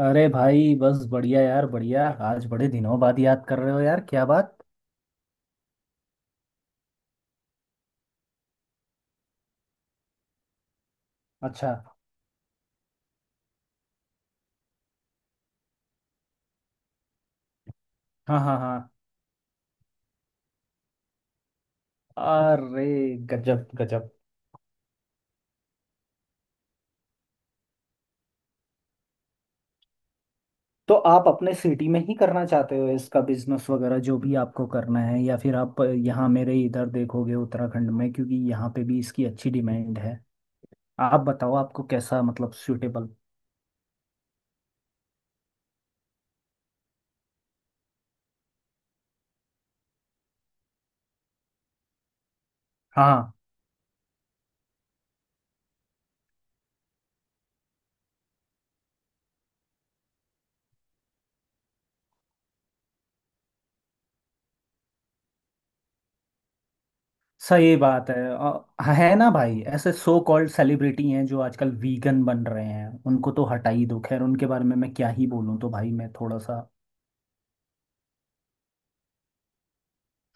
अरे भाई, बस बढ़िया यार, बढ़िया। आज बड़े दिनों बाद याद कर रहे हो यार, क्या बात। अच्छा। हाँ, हाँ, हाँ। अरे गजब, गजब। तो आप अपने सिटी में ही करना चाहते हो इसका बिजनेस वगैरह, जो भी आपको करना है, या फिर आप यहाँ मेरे इधर देखोगे उत्तराखंड में, क्योंकि यहाँ पे भी इसकी अच्छी डिमांड है। आप बताओ आपको कैसा मतलब सूटेबल। हाँ, सही बात है। है ना भाई, ऐसे सो कॉल्ड सेलिब्रिटी हैं जो आजकल वीगन बन रहे हैं, उनको तो हटा ही दो, खैर उनके बारे में मैं क्या ही बोलूं। तो भाई मैं थोड़ा सा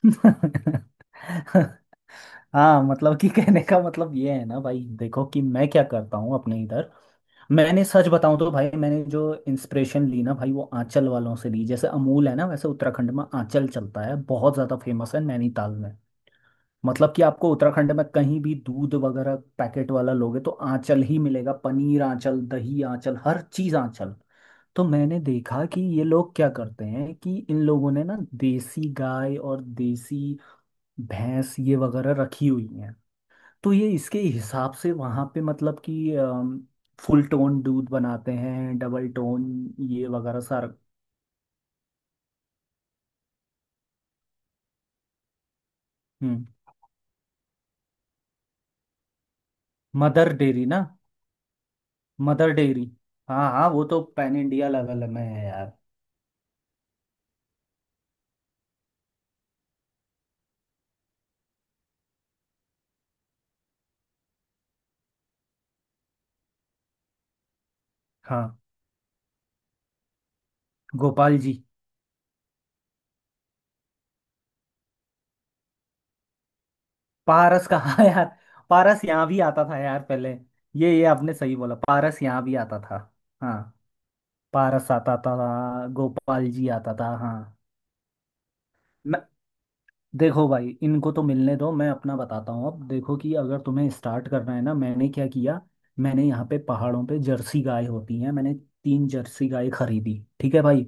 हाँ, मतलब कि कहने का मतलब ये है ना भाई, देखो कि मैं क्या करता हूँ अपने इधर। मैंने सच बताऊं तो भाई, मैंने जो इंस्पिरेशन ली ना भाई, वो आंचल वालों से ली। जैसे अमूल है ना, वैसे उत्तराखंड में आंचल चलता है, बहुत ज़्यादा फेमस है नैनीताल में। मतलब कि आपको उत्तराखंड में कहीं भी दूध वगैरह पैकेट वाला लोगे तो आंचल ही मिलेगा, पनीर आंचल, दही आंचल, हर चीज आंचल। तो मैंने देखा कि ये लोग क्या करते हैं, कि इन लोगों ने ना देसी गाय और देसी भैंस ये वगैरह रखी हुई हैं। तो ये इसके हिसाब से वहां पे मतलब कि फुल टोन दूध बनाते हैं, डबल टोन, ये वगैरह सारा। हम्म। मदर डेयरी ना। Mother Dairy. हाँ, हाँ, वो तो पैन इंडिया लेवल में है यार। हाँ, गोपाल जी। पारस का हाँ यार, पारस यहाँ भी आता था यार पहले। ये आपने सही बोला, पारस यहाँ भी आता था। हाँ, पारस आता था, गोपाल जी आता था हाँ। मैं। देखो भाई, इनको तो मिलने दो, मैं अपना बताता हूँ। अब देखो कि अगर तुम्हें स्टार्ट करना है ना, मैंने क्या किया। मैंने यहाँ पे पहाड़ों पे जर्सी गाय होती हैं, मैंने तीन जर्सी गाय खरीदी, ठीक है भाई।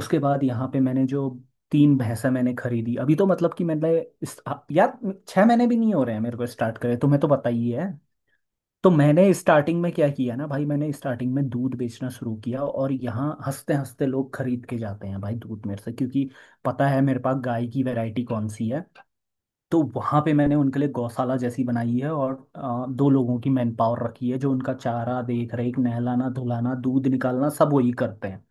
उसके बाद यहाँ पे मैंने जो तीन भैंसा मैंने खरीदी, अभी तो मतलब कि मैंने हाँ, यार, 6 महीने भी नहीं हो रहे हैं मेरे को स्टार्ट करे, तुम्हें तो पता ही है। तो मैंने स्टार्टिंग में क्या किया ना भाई, मैंने स्टार्टिंग में दूध बेचना शुरू किया, और यहाँ हंसते हंसते लोग खरीद के जाते हैं भाई दूध मेरे से, क्योंकि पता है मेरे पास गाय की वैरायटी कौन सी है। तो वहाँ पे मैंने उनके लिए गौशाला जैसी बनाई है, और दो लोगों की मैन पावर रखी है, जो उनका चारा, देख रेख, नहलाना, धुलाना, दूध निकालना, सब वही करते हैं।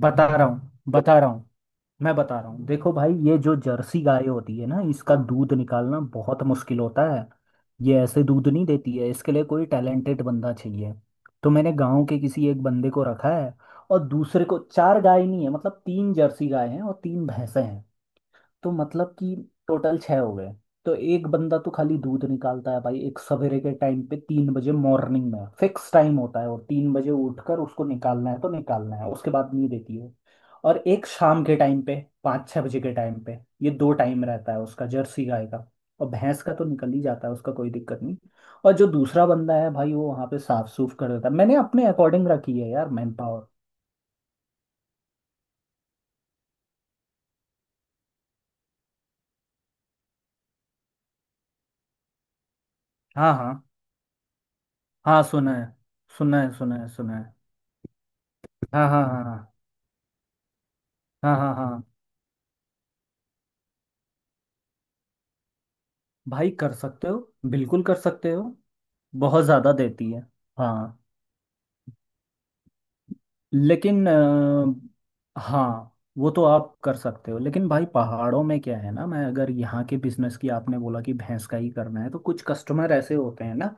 बता रहा हूँ, बता रहा हूँ। मैं बता रहा हूँ, देखो भाई ये जो जर्सी गाय होती है ना, इसका दूध निकालना बहुत मुश्किल होता है। ये ऐसे दूध नहीं देती है, इसके लिए कोई टैलेंटेड बंदा चाहिए। तो मैंने गांव के किसी एक बंदे को रखा है। और दूसरे को, चार गाय नहीं है, मतलब तीन जर्सी गाय हैं और तीन भैंसें हैं। तो मतलब कि टोटल छः हो गए। तो एक बंदा तो खाली दूध निकालता है भाई, एक सवेरे के टाइम पे, 3 बजे मॉर्निंग में फिक्स टाइम होता है, और 3 बजे उठकर उसको निकालना है तो निकालना है, उसके बाद नहीं देती है। और एक शाम के टाइम पे, 5-6 बजे के टाइम पे, ये दो टाइम रहता है उसका जर्सी गाय का। और भैंस का तो निकल ही जाता है उसका, कोई दिक्कत नहीं। और जो दूसरा बंदा है भाई, वो वहाँ पे साफ सूफ कर देता है, मैंने अपने अकॉर्डिंग रखी है यार मैन पावर। हाँ, हाँ, हाँ। सुना है, सुना है, सुना है, सुना है। हाँ, हाँ, हाँ, हाँ, हाँ, हाँ, हाँ भाई, कर सकते हो। बिल्कुल कर सकते हो, बहुत ज़्यादा देती है, हाँ। लेकिन हाँ, वो तो आप कर सकते हो, लेकिन भाई पहाड़ों में क्या है ना, मैं अगर यहाँ के बिजनेस की, आपने बोला कि भैंस का ही करना है, तो कुछ कस्टमर ऐसे होते हैं ना,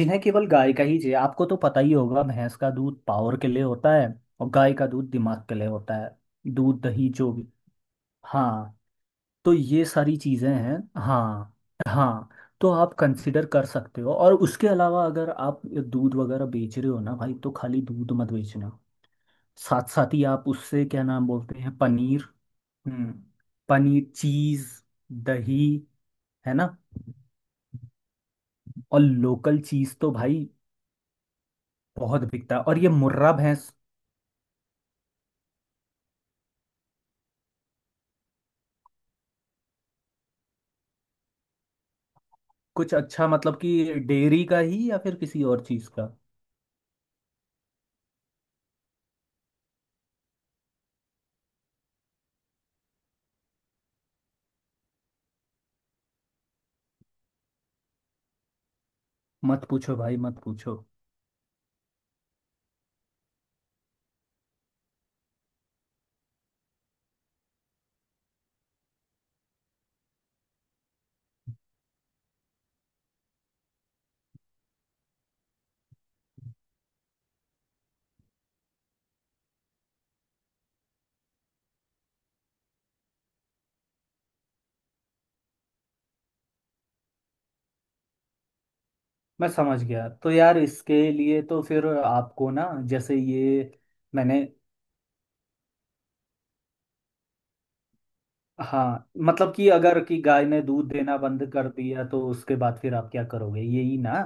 जिन्हें केवल गाय का ही चाहिए। आपको तो पता ही होगा, भैंस का दूध पावर के लिए होता है। और गाय का दूध दिमाग के लिए होता है। दूध दही जो भी, हाँ। तो ये सारी चीज़ें हैं। हाँ, हाँ। तो आप कंसिडर कर सकते हो, और उसके अलावा अगर आप दूध वगैरह बेच रहे हो ना भाई, तो खाली दूध मत बेचना। साथ साथ ही आप उससे, क्या नाम बोलते हैं, पनीर। हम्म। पनीर, चीज़, दही, है ना। और लोकल चीज़ तो भाई बहुत बिकता है, और ये मुर्रा भैंस। कुछ अच्छा मतलब कि डेयरी का ही या फिर किसी और चीज़ का। मत पूछो भाई, मत पूछो। मैं समझ गया। तो यार इसके लिए तो फिर आपको ना, जैसे ये मैंने, हाँ, मतलब कि अगर कि गाय ने दूध देना बंद कर दिया तो उसके बाद फिर आप क्या करोगे, यही ना।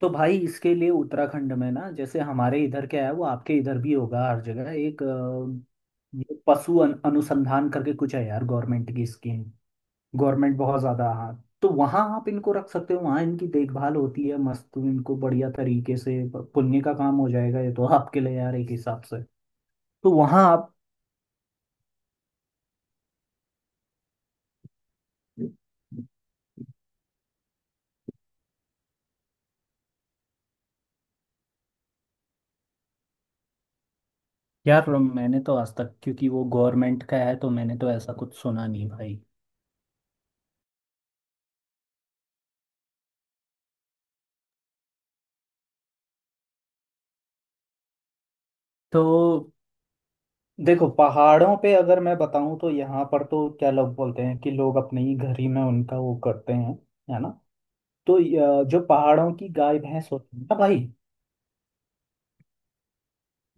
तो भाई इसके लिए उत्तराखंड में ना, जैसे हमारे इधर क्या है, वो आपके इधर भी होगा हर जगह एक ये पशु अनुसंधान करके कुछ है यार, गवर्नमेंट की स्कीम। गवर्नमेंट, बहुत ज़्यादा, हाँ। तो वहाँ आप इनको रख सकते हो, वहाँ इनकी देखभाल होती है मस्त, इनको बढ़िया तरीके से पुण्य का काम हो जाएगा ये तो आपके लिए यार, एक हिसाब से। तो वहाँ आप, यार मैंने तो आज तक, क्योंकि वो गवर्नमेंट का है, तो मैंने तो ऐसा कुछ सुना नहीं भाई। तो देखो, पहाड़ों पे अगर मैं बताऊं तो यहाँ पर तो क्या लोग बोलते हैं, कि लोग अपने ही घर ही में उनका वो करते हैं। है ना। तो जो पहाड़ों की गाय भैंस होती है ना भाई,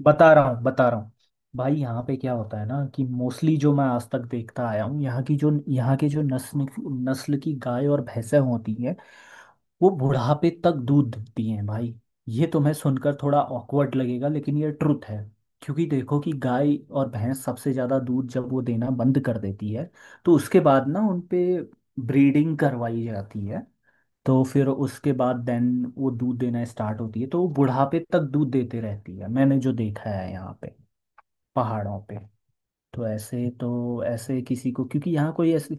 बता रहा हूँ, बता रहा हूँ। भाई, यहाँ पे क्या होता है ना, कि मोस्टली जो मैं आज तक देखता आया हूँ, यहाँ की जो, यहाँ के जो नस्ल नस्ल की गाय और भैंसें होती हैं, वो बुढ़ापे तक दूध देती हैं भाई। ये तुम्हें सुनकर थोड़ा ऑकवर्ड लगेगा, लेकिन ये ट्रुथ है। क्योंकि देखो कि गाय और भैंस सबसे ज़्यादा दूध, जब वो देना बंद कर देती है तो उसके बाद ना उनपे ब्रीडिंग करवाई जाती है। तो फिर उसके बाद देन वो दूध देना स्टार्ट होती है, तो वो बुढ़ापे तक दूध देते रहती है, मैंने जो देखा है यहाँ पे पहाड़ों पे। तो ऐसे, तो ऐसे किसी को, क्योंकि यहाँ कोई ऐसे,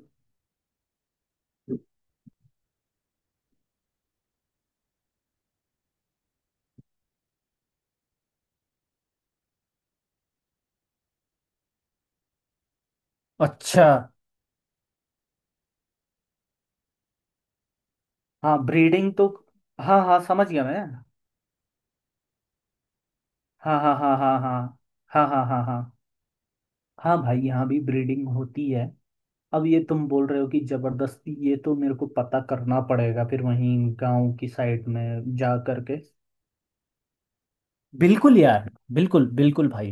अच्छा, हाँ, ब्रीडिंग तो, हाँ, हाँ समझ गया मैं। हाँ, हाँ, हाँ, हाँ, हाँ, हाँ, हाँ, हाँ, हाँ। हाँ भाई, यहाँ भी ब्रीडिंग होती है। अब ये तुम बोल रहे हो कि जबरदस्ती, ये तो मेरे को पता करना पड़ेगा, फिर वहीं गांव की साइड में जा करके। बिल्कुल यार, बिल्कुल, बिल्कुल भाई,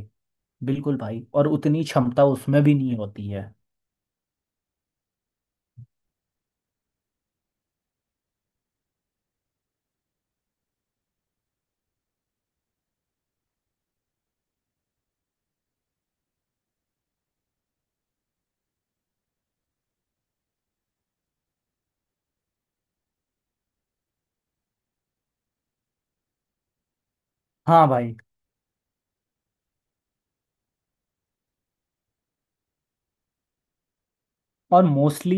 बिल्कुल भाई, और उतनी क्षमता उसमें भी नहीं होती है। हाँ भाई। और मोस्टली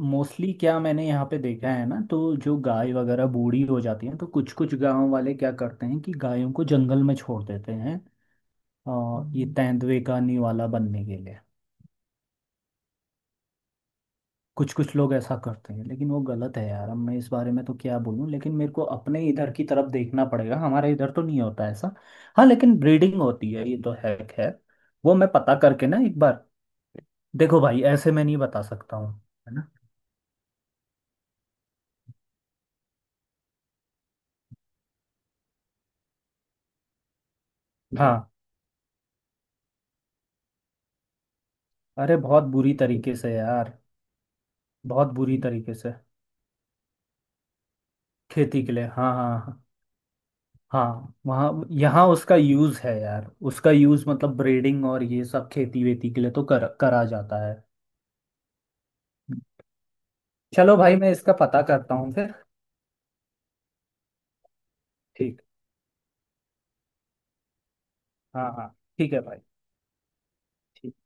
मोस्टली क्या मैंने यहाँ पे देखा है ना, तो जो गाय वगैरह बूढ़ी हो जाती हैं, तो कुछ कुछ गांव वाले क्या करते हैं कि गायों को जंगल में छोड़ देते हैं, और ये तेंदुए का निवाला बनने के लिए। कुछ कुछ लोग ऐसा करते हैं, लेकिन वो गलत है यार। अब मैं इस बारे में तो क्या बोलूँ, लेकिन मेरे को अपने इधर की तरफ देखना पड़ेगा, हमारे इधर तो नहीं होता ऐसा। हाँ, लेकिन ब्रीडिंग होती है ये तो है खैर। वो मैं पता करके ना एक बार। देखो भाई, ऐसे मैं नहीं बता सकता हूँ। है ना। हाँ, अरे बहुत बुरी तरीके से यार। बहुत बुरी तरीके से, खेती के लिए, हाँ, हाँ, हाँ। हाँ, वहाँ, यहाँ उसका यूज़ है यार, उसका यूज़ मतलब ब्रीडिंग और ये सब, खेती वेती के लिए तो कर करा जाता है। चलो भाई, मैं इसका पता करता हूँ फिर। ठीक। हाँ, हाँ। ठीक है भाई। ठीक।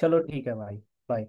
चलो ठीक है भाई। बाय।